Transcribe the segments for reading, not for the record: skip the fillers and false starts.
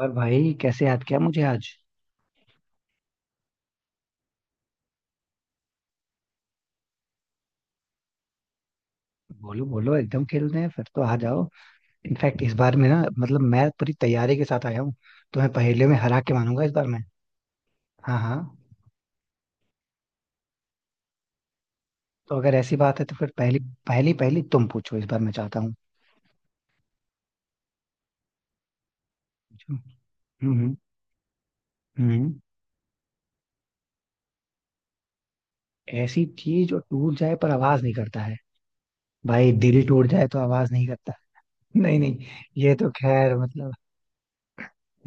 और भाई, कैसे याद किया मुझे आज? बोलो बोलो, एकदम खेलते हैं, फिर तो आ जाओ। इनफैक्ट इस बार मैं ना, मतलब, मैं पूरी तैयारी के साथ आया हूँ। तो मैं पहेलियों में हरा के मानूंगा इस बार मैं। हाँ हाँ। तो अगर ऐसी बात है तो फिर पहली पहली पहली तुम पूछो, इस बार मैं चाहता हूँ। पूछो। हम्म हम्म हम्म। ऐसी चीज जो टूट जाए पर आवाज नहीं करता है। भाई, दिल टूट जाए तो आवाज नहीं करता। नहीं नहीं। ये तो खैर, मतलब,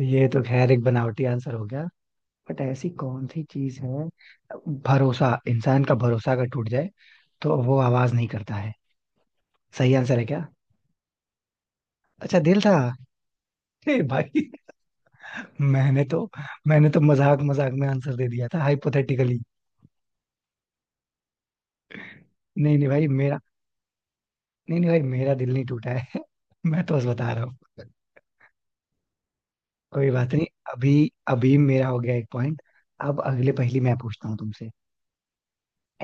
ये तो खैर एक बनावटी आंसर हो गया। बट ऐसी कौन सी चीज है? भरोसा, इंसान का भरोसा अगर टूट जाए, तो वो आवाज नहीं करता है। सही आंसर है क्या? अच्छा, दिल था। ए भाई। मैंने तो मैंने तो मजाक मजाक में आंसर दे दिया था, हाइपोथेटिकली। नहीं नहीं भाई मेरा नहीं नहीं भाई मेरा दिल नहीं टूटा है। मैं तो बस बता रहा हूँ। कोई बात नहीं। अभी अभी मेरा हो गया एक पॉइंट। अब अगले पहेली मैं पूछता हूँ तुमसे।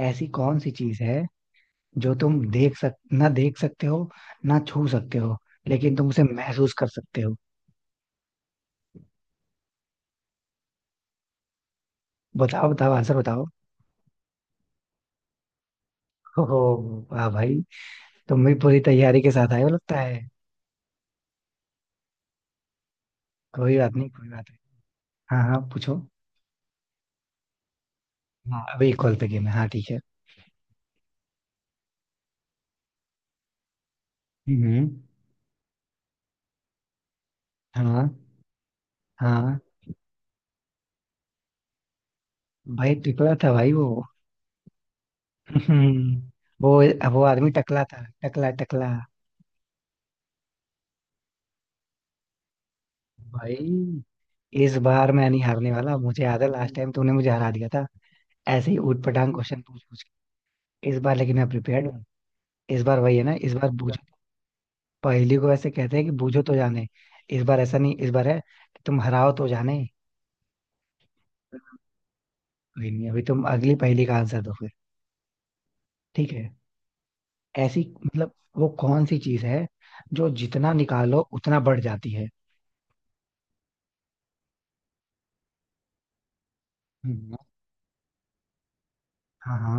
ऐसी कौन सी चीज है जो तुम देख सक ना देख सकते हो, ना छू सकते हो, लेकिन तुम उसे महसूस कर सकते हो? बताओ बताओ, आंसर बताओ। हो। वाह भाई! तुम भी पूरी तैयारी के साथ आए हो, लगता है। कोई बात नहीं, कोई बात नहीं। हाँ हाँ, पूछो। हाँ, अभी कॉल पे गेम है, हाँ ठीक है। हम्म। हाँ हाँ। भाई टकला था भाई वो। हम्म। वो वो आदमी टकला था, टकला टकला। भाई, इस बार मैं नहीं हारने वाला, मुझे याद है लास्ट टाइम तूने मुझे हरा दिया था, ऐसे ही ऊट पटांग क्वेश्चन पूछ पूछ के। इस बार लेकिन मैं प्रिपेयर्ड हूँ। इस बार वही है ना, इस बार बूझो। पहेली को ऐसे कहते हैं कि बूझो तो जाने। इस बार ऐसा नहीं, इस बार है कि तुम हराओ तो जाने। कोई नहीं, अभी तुम अगली पहेली का आंसर दो फिर। ठीक है। ऐसी मतलब, वो कौन सी चीज है जो जितना निकालो उतना बढ़ जाती है? हम्म। हाँ हाँ।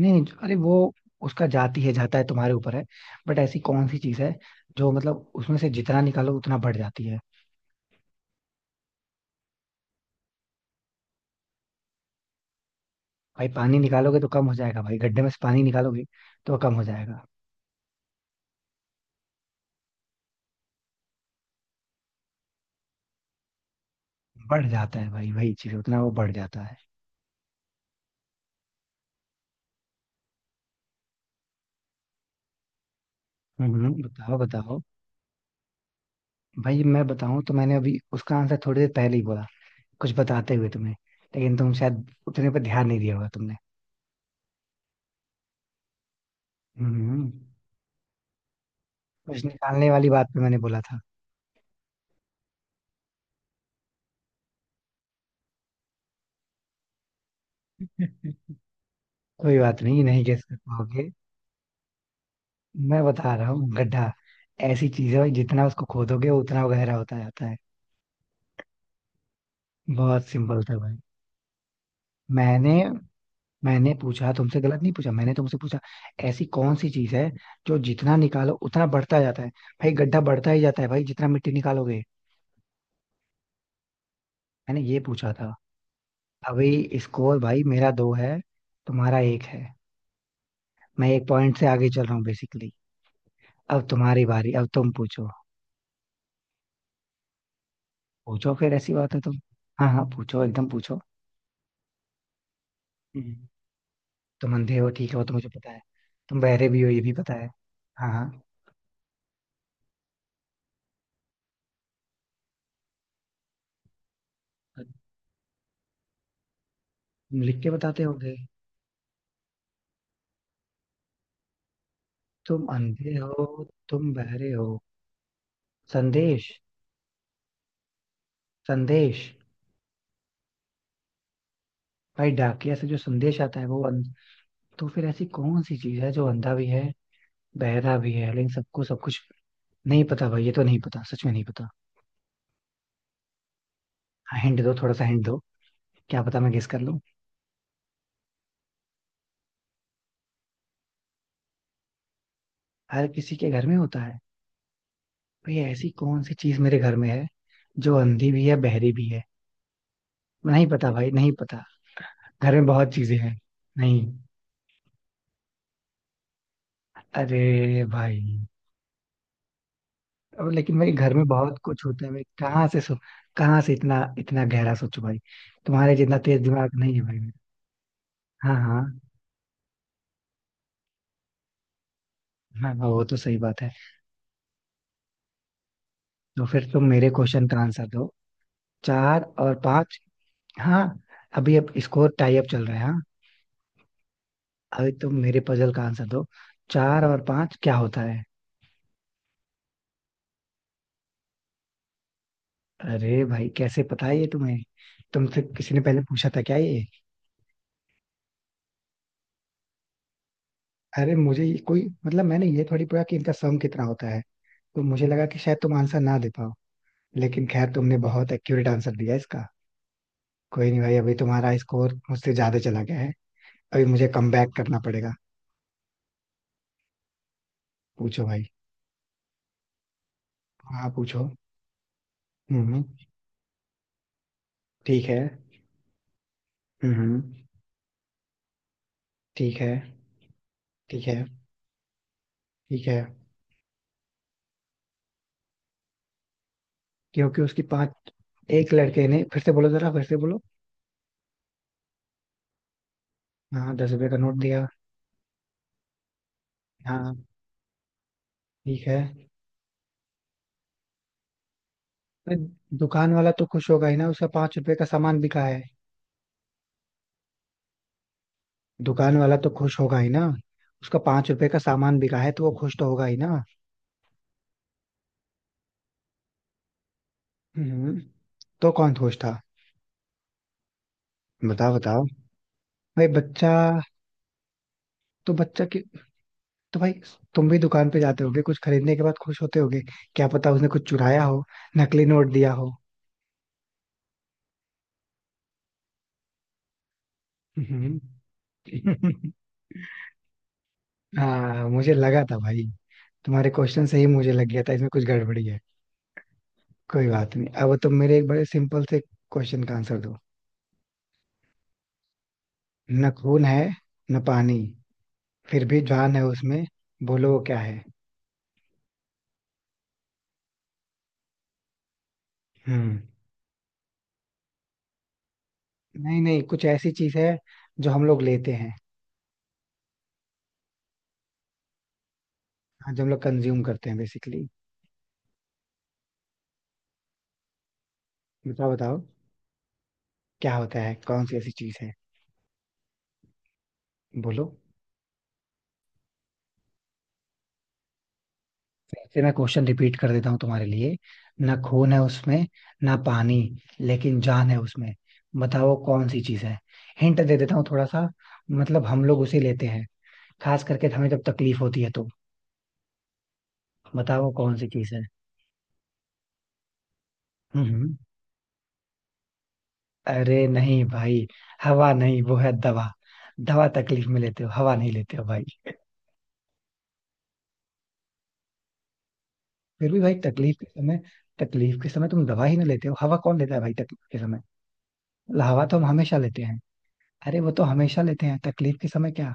नहीं नहीं, अरे वो, उसका जाती है, जाता है तुम्हारे ऊपर है। बट ऐसी कौन सी चीज है जो, मतलब, उसमें से जितना निकालो उतना बढ़ जाती है? भाई पानी निकालोगे तो कम हो जाएगा भाई, गड्ढे में से पानी निकालोगे तो कम हो जाएगा। बढ़ जाता है भाई, वही चीज उतना वो बढ़ जाता है। बताओ बताओ। भाई मैं बताऊं तो मैंने अभी उसका आंसर थोड़ी देर पहले ही बोला, कुछ बताते हुए तुम्हें। लेकिन तुम शायद उतने पर ध्यान नहीं दिया होगा तुमने। हम्म। कुछ निकालने वाली बात पे मैंने बोला था। कोई बात नहीं, नहीं गेस कर पाओगे। मैं बता रहा हूँ, गड्ढा। ऐसी चीज है भाई जितना उसको खोदोगे उतना गहरा होता जाता है। बहुत सिंपल था भाई। मैंने मैंने पूछा तुमसे, गलत नहीं पूछा, मैंने तुमसे पूछा, ऐसी कौन सी चीज है जो जितना निकालो उतना बढ़ता जाता है? भाई गड्ढा बढ़ता ही जाता है भाई, जितना मिट्टी निकालोगे। मैंने ये पूछा था। अभी स्कोर भाई मेरा दो है, तुम्हारा एक है। मैं एक पॉइंट से आगे चल रहा हूँ, बेसिकली। अब तुम्हारी बारी, अब तुम पूछो। पूछो फिर, ऐसी बात है तुम। हाँ हाँ, पूछो, एकदम पूछो। हम्म। तुम अंधे हो, ठीक है, वो तो मुझे पता है। तुम बहरे भी हो, ये भी पता है। हाँ हाँ। तुम लिख के बताते होगे। तुम अंधे हो, तुम बहरे हो। संदेश। संदेश। भाई डाकिया से जो संदेश आता है वो अंध... तो फिर ऐसी कौन सी चीज है जो अंधा भी है, बहरा भी है, लेकिन सबको सब कुछ? नहीं पता भाई, ये तो नहीं पता, सच में नहीं पता। हिंट दो, थोड़ा सा हिंट दो। क्या पता मैं गेस कर लूं। हर किसी के घर में होता है? भैया, ऐसी कौन सी चीज मेरे घर में है जो अंधी भी है, बहरी भी है? नहीं पता भाई, नहीं पता। घर में बहुत चीजें हैं। नहीं। अरे भाई! अब लेकिन भाई घर में बहुत कुछ होता है भाई, कहाँ से सो, कहाँ से इतना इतना गहरा सोचो भाई। तुम्हारे जितना तेज दिमाग नहीं है भाई मेरा। हाँ हाँ। हाँ हाँ, वो तो सही बात है। तो फिर तुम मेरे क्वेश्चन का आंसर दो। चार और पांच। हाँ, अभी अब स्कोर टाई अप चल रहा है, हाँ। अभी तुम मेरे पजल का आंसर दो। चार और पांच क्या होता है? अरे भाई, कैसे पता है ये तुम्हें? तुमसे किसी ने पहले पूछा था क्या ये? अरे मुझे ये कोई, मतलब, मैंने ये थोड़ी पढ़ा कि इनका सम कितना होता है। तो मुझे लगा कि शायद तुम आंसर ना दे पाओ, लेकिन खैर तुमने बहुत एक्यूरेट आंसर दिया इसका। कोई नहीं भाई, अभी तुम्हारा स्कोर मुझसे ज्यादा चला गया है। अभी मुझे कम बैक करना पड़ेगा। पूछो भाई। हाँ पूछो। हम्म। ठीक है। हम्म। ठीक है। ठीक है। ठीक है। क्योंकि उसकी पांच... एक लड़के ने, फिर से बोलो जरा, फिर से बोलो। हाँ, 10 रुपए का नोट दिया। हाँ। ठीक है। अरे, दुकान वाला तो खुश होगा ही ना, उसका 5 रुपए का सामान बिका है। दुकान वाला तो खुश होगा ही ना, उसका पांच रुपए का सामान बिका है तो वो खुश तो होगा ही ना। हम्म। तो कौन खुश था? बताओ बताओ। भाई बच्चा। तो बच्चा के, तो भाई, तुम भी दुकान पे जाते होगे, कुछ खरीदने के बाद खुश होते होगे। क्या पता उसने कुछ चुराया हो, नकली नोट दिया हो। हम्म। हाँ, मुझे लगा था भाई, तुम्हारे क्वेश्चन से ही मुझे लग गया था इसमें कुछ गड़बड़ी है। कोई बात नहीं, अब तुम मेरे एक बड़े सिंपल से क्वेश्चन का आंसर दो। न खून है, न पानी, फिर भी जान है उसमें। बोलो, वो क्या है? हम्म। नहीं नहीं, कुछ ऐसी चीज है जो हम लोग लेते हैं। हाँ, जो हम लोग कंज्यूम करते हैं, बेसिकली। बताओ बताओ, क्या होता है, कौन सी ऐसी चीज है? बोलो। फिर से मैं क्वेश्चन रिपीट कर देता हूँ तुम्हारे लिए। ना खून है उसमें, ना पानी, लेकिन जान है उसमें। बताओ वो कौन सी चीज है? हिंट दे देता हूँ थोड़ा सा। मतलब हम लोग उसे लेते हैं, खास करके हमें जब तकलीफ होती है तो। बताओ वो कौन सी चीज है? हम्म हम्म। अरे नहीं भाई, हवा नहीं, वो है दवा। दवा तकलीफ में लेते हो, हवा नहीं लेते हो भाई। फिर भी भाई तकलीफ के समय, तकलीफ के समय तुम दवा ही ना लेते हो? हवा कौन लेता है भाई तकलीफ के समय? मतलब हवा तो हम हमेशा लेते हैं। अरे वो तो हमेशा लेते हैं, तकलीफ के समय क्या?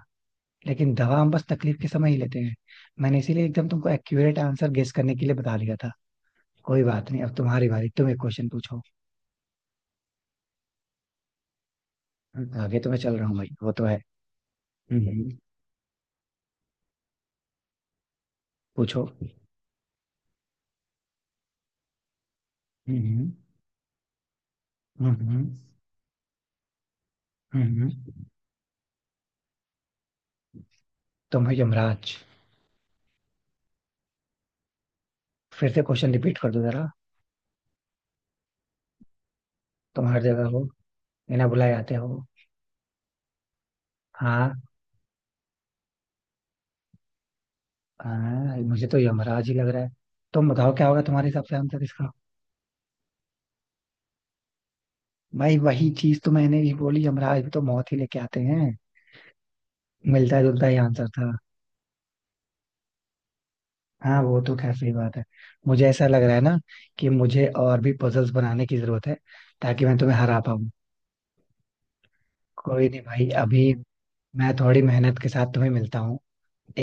लेकिन दवा हम बस तकलीफ के समय ही लेते हैं। मैंने इसीलिए एकदम तुमको एक्यूरेट आंसर गेस करने के लिए बता दिया था। कोई बात नहीं, अब तुम्हारी बारी, तुम एक क्वेश्चन पूछो। आगे तो मैं चल रहा हूँ भाई, वो तो है। हम्म। पूछो। हम्म हम्म हम्म हम्म। तुम्हें? यमराज। फिर से क्वेश्चन रिपीट कर दो जरा। तुम हर जगह हो, बिना बुलाए आते हो। हाँ। हाँ, मुझे तो यमराज ही लग रहा है। तुम बताओ क्या होगा तुम्हारे हिसाब से आंसर इसका? भाई वही चीज तो मैंने भी बोली, यमराज भी तो मौत ही लेके आते हैं। मिलता जुलता ही आंसर था। हाँ, वो तो खैर सही बात है। मुझे ऐसा लग रहा है ना कि मुझे और भी पजल्स बनाने की जरूरत है, ताकि मैं तुम्हें हरा पाऊँ। कोई नहीं भाई, अभी मैं थोड़ी मेहनत के साथ तुम्हें मिलता हूँ,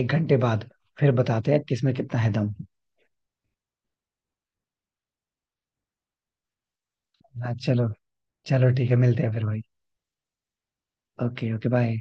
1 घंटे बाद। फिर बताते हैं किसमें कितना है दम। हाँ चलो। चलो ठीक है, मिलते हैं फिर भाई। Okay okay, bye.